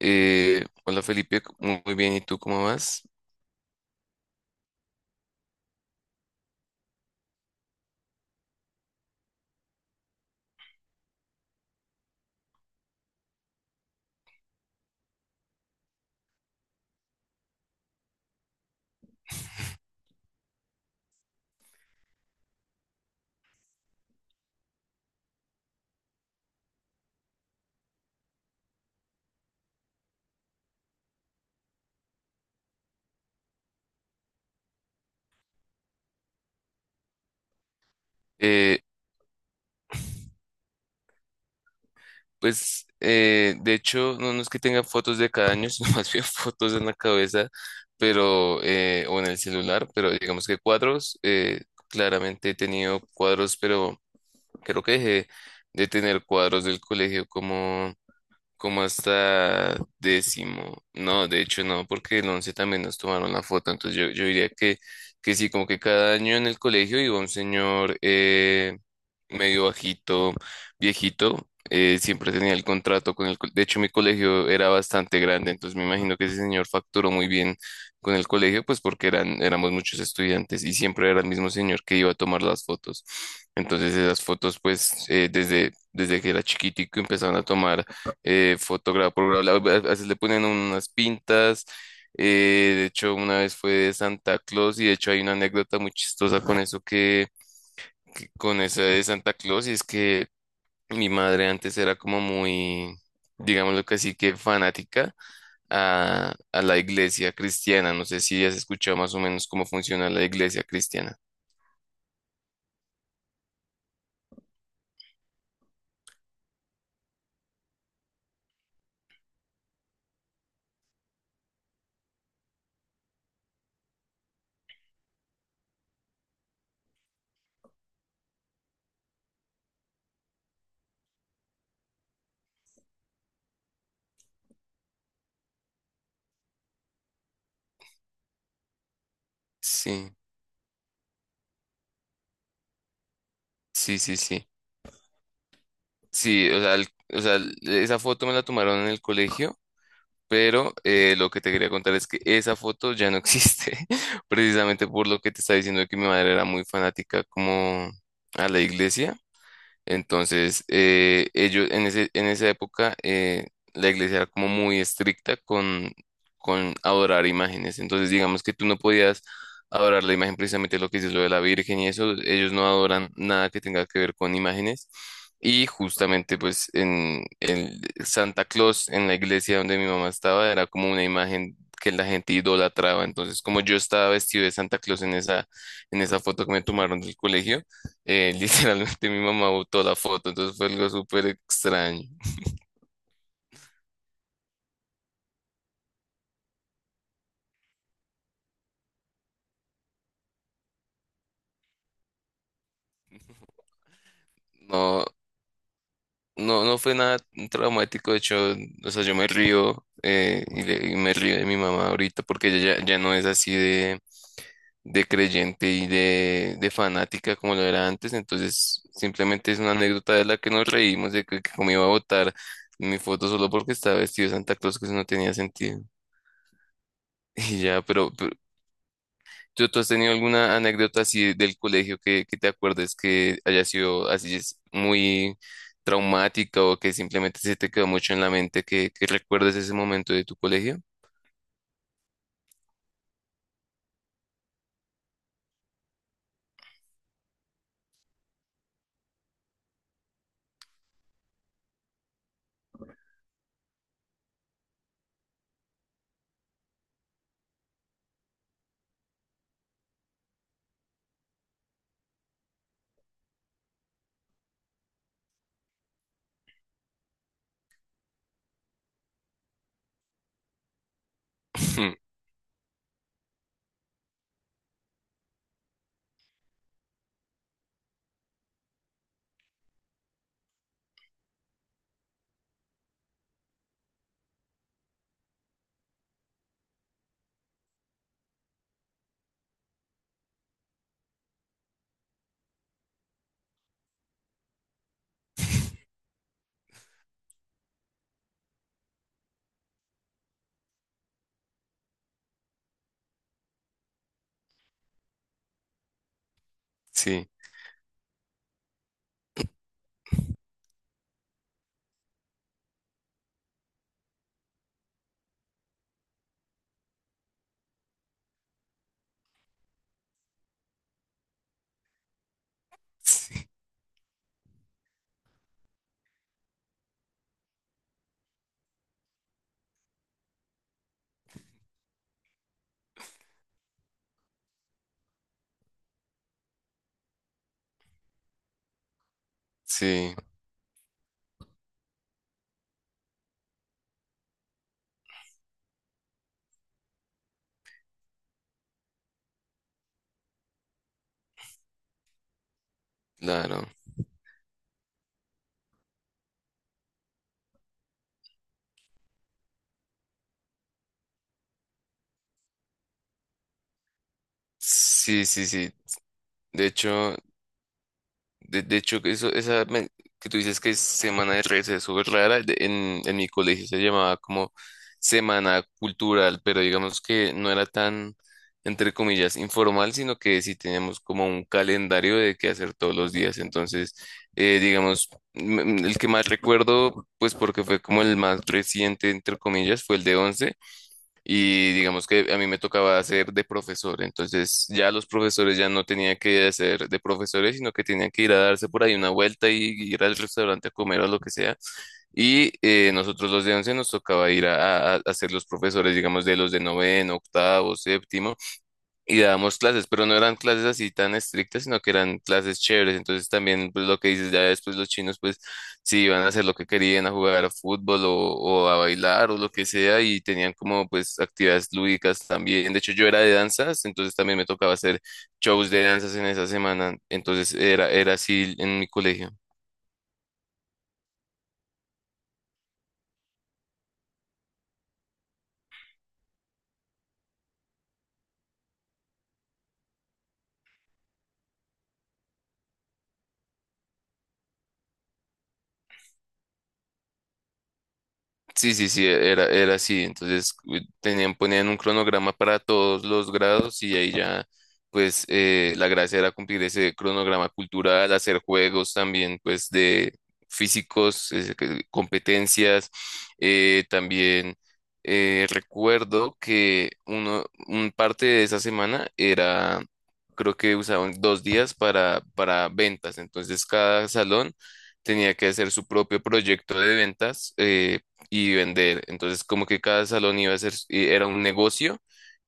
Hola Felipe, muy muy bien, ¿y tú cómo vas? Eh, de hecho no, no es que tenga fotos de cada año, sino más bien fotos en la cabeza, pero o en el celular, pero digamos que cuadros, claramente he tenido cuadros, pero creo que dejé de tener cuadros del colegio como hasta décimo. No, de hecho no, porque el 11 también nos tomaron la foto. Entonces yo diría que sí, como que cada año en el colegio iba un señor medio bajito, viejito. Siempre tenía el contrato con de hecho, mi colegio era bastante grande, entonces me imagino que ese señor facturó muy bien con el colegio, pues porque eran, éramos muchos estudiantes y siempre era el mismo señor que iba a tomar las fotos. Entonces esas fotos, pues desde que era chiquitico empezaron a tomar fotografía por grado, a veces le ponen unas pintas. De hecho, una vez fue de Santa Claus y de hecho hay una anécdota muy chistosa con eso que con esa de Santa Claus. Y es que mi madre antes era como muy, digámoslo que así que fanática a la iglesia cristiana. No sé si has escuchado más o menos cómo funciona la iglesia cristiana. Sí, sí, sí, sí. Sí, o sea, esa foto me la tomaron en el colegio, pero lo que te quería contar es que esa foto ya no existe, precisamente por lo que te estaba diciendo de que mi madre era muy fanática como a la iglesia. Entonces, ellos en en esa época, la iglesia era como muy estricta con adorar imágenes. Entonces, digamos que tú no podías adorar la imagen, precisamente lo que dices, lo de la Virgen y eso, ellos no adoran nada que tenga que ver con imágenes. Y justamente, pues, en el Santa Claus, en la iglesia donde mi mamá estaba, era como una imagen que la gente idolatraba. Entonces, como yo estaba vestido de Santa Claus en en esa foto que me tomaron del colegio, literalmente mi mamá botó la foto, entonces fue algo súper extraño. No, no, no fue nada traumático, de hecho, o sea, yo me río y me río de mi mamá ahorita porque ella ya no es así de creyente de fanática como lo era antes. Entonces simplemente es una anécdota de la que nos reímos, de que como iba a votar mi foto solo porque estaba vestido de Santa Claus, que eso no tenía sentido. Y ya, pero, tú has tenido alguna anécdota así del colegio que te acuerdes que haya sido así es muy traumática o que simplemente se te quedó mucho en la mente que recuerdes ese momento de tu colegio? Sí, sí, sí, claro. Sí, sí, sí. De hecho, de hecho, que eso, esa men- que tú dices que es semana de receso es rara, en mi colegio se llamaba como semana cultural, pero digamos que no era tan, entre comillas, informal, sino que sí teníamos como un calendario de qué hacer todos los días. Entonces, digamos, el que más recuerdo, pues porque fue como el más reciente, entre comillas, fue el de 11 y digamos que a mí me tocaba hacer de profesor, entonces ya los profesores ya no tenían que hacer de profesores, sino que tenían que ir a darse por ahí una vuelta y ir al restaurante a comer o lo que sea. Y nosotros los de once nos tocaba ir a ser los profesores, digamos, de los de noveno, octavo, séptimo y dábamos clases, pero no eran clases así tan estrictas, sino que eran clases chéveres. Entonces también, pues lo que dices, ya después los chinos, pues sí iban a hacer lo que querían, a jugar a fútbol o a bailar o lo que sea, y tenían como pues actividades lúdicas también. De hecho, yo era de danzas, entonces también me tocaba hacer shows de danzas en esa semana. Entonces era, era así en mi colegio. Sí, sí, sí, era, era así. Entonces tenían, ponían un cronograma para todos los grados y ahí ya, pues la gracia era cumplir ese cronograma cultural, hacer juegos también, pues de físicos, competencias. También recuerdo que un parte de esa semana era, creo que usaban dos días para ventas. Entonces cada salón tenía que hacer su propio proyecto de ventas. Y vender. Entonces, como que cada salón iba a ser, era un negocio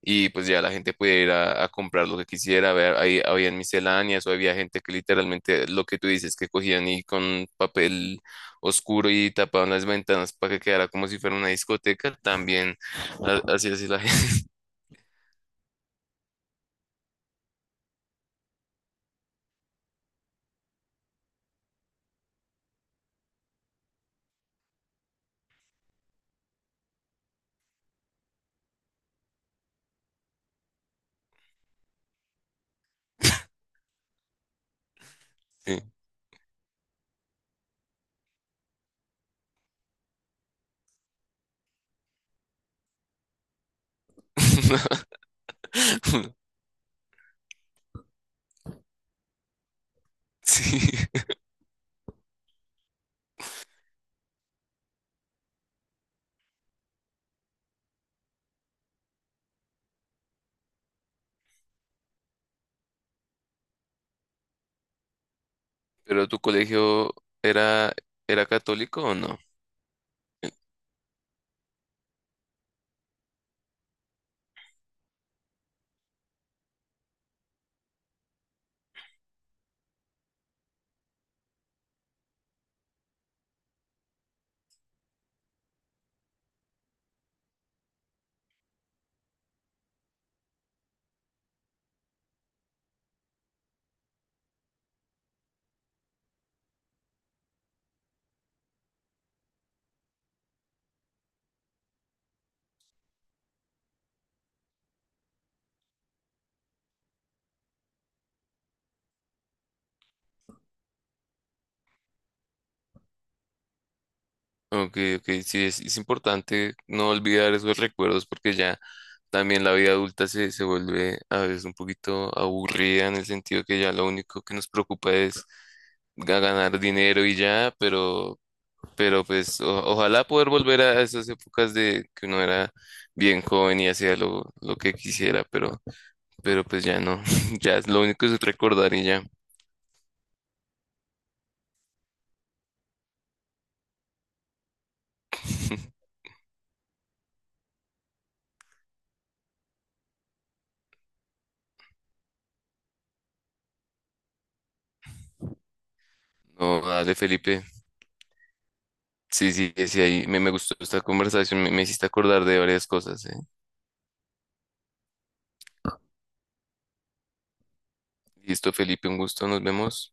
y pues ya la gente podía ir a comprar lo que quisiera. Ver, ahí habían misceláneas o había gente que literalmente lo que tú dices, que cogían y con papel oscuro y tapaban las ventanas para que quedara como si fuera una discoteca. También así así la gente. Sí. Sí. Pero tu colegio era, ¿era católico o no? Ok, ok, sí, es importante no olvidar esos recuerdos porque ya también la vida adulta se, se vuelve a veces un poquito aburrida en el sentido que ya lo único que nos preocupa es ganar dinero y ya, pero pues ojalá poder volver a esas épocas de que uno era bien joven y hacía lo que quisiera, pero pues ya no, ya es lo único es recordar y ya. No, dale, Felipe. Sí, sí, sí, sí, ahí me gustó esta conversación, me hiciste acordar de varias cosas, ¿eh? Listo, Felipe, un gusto, nos vemos.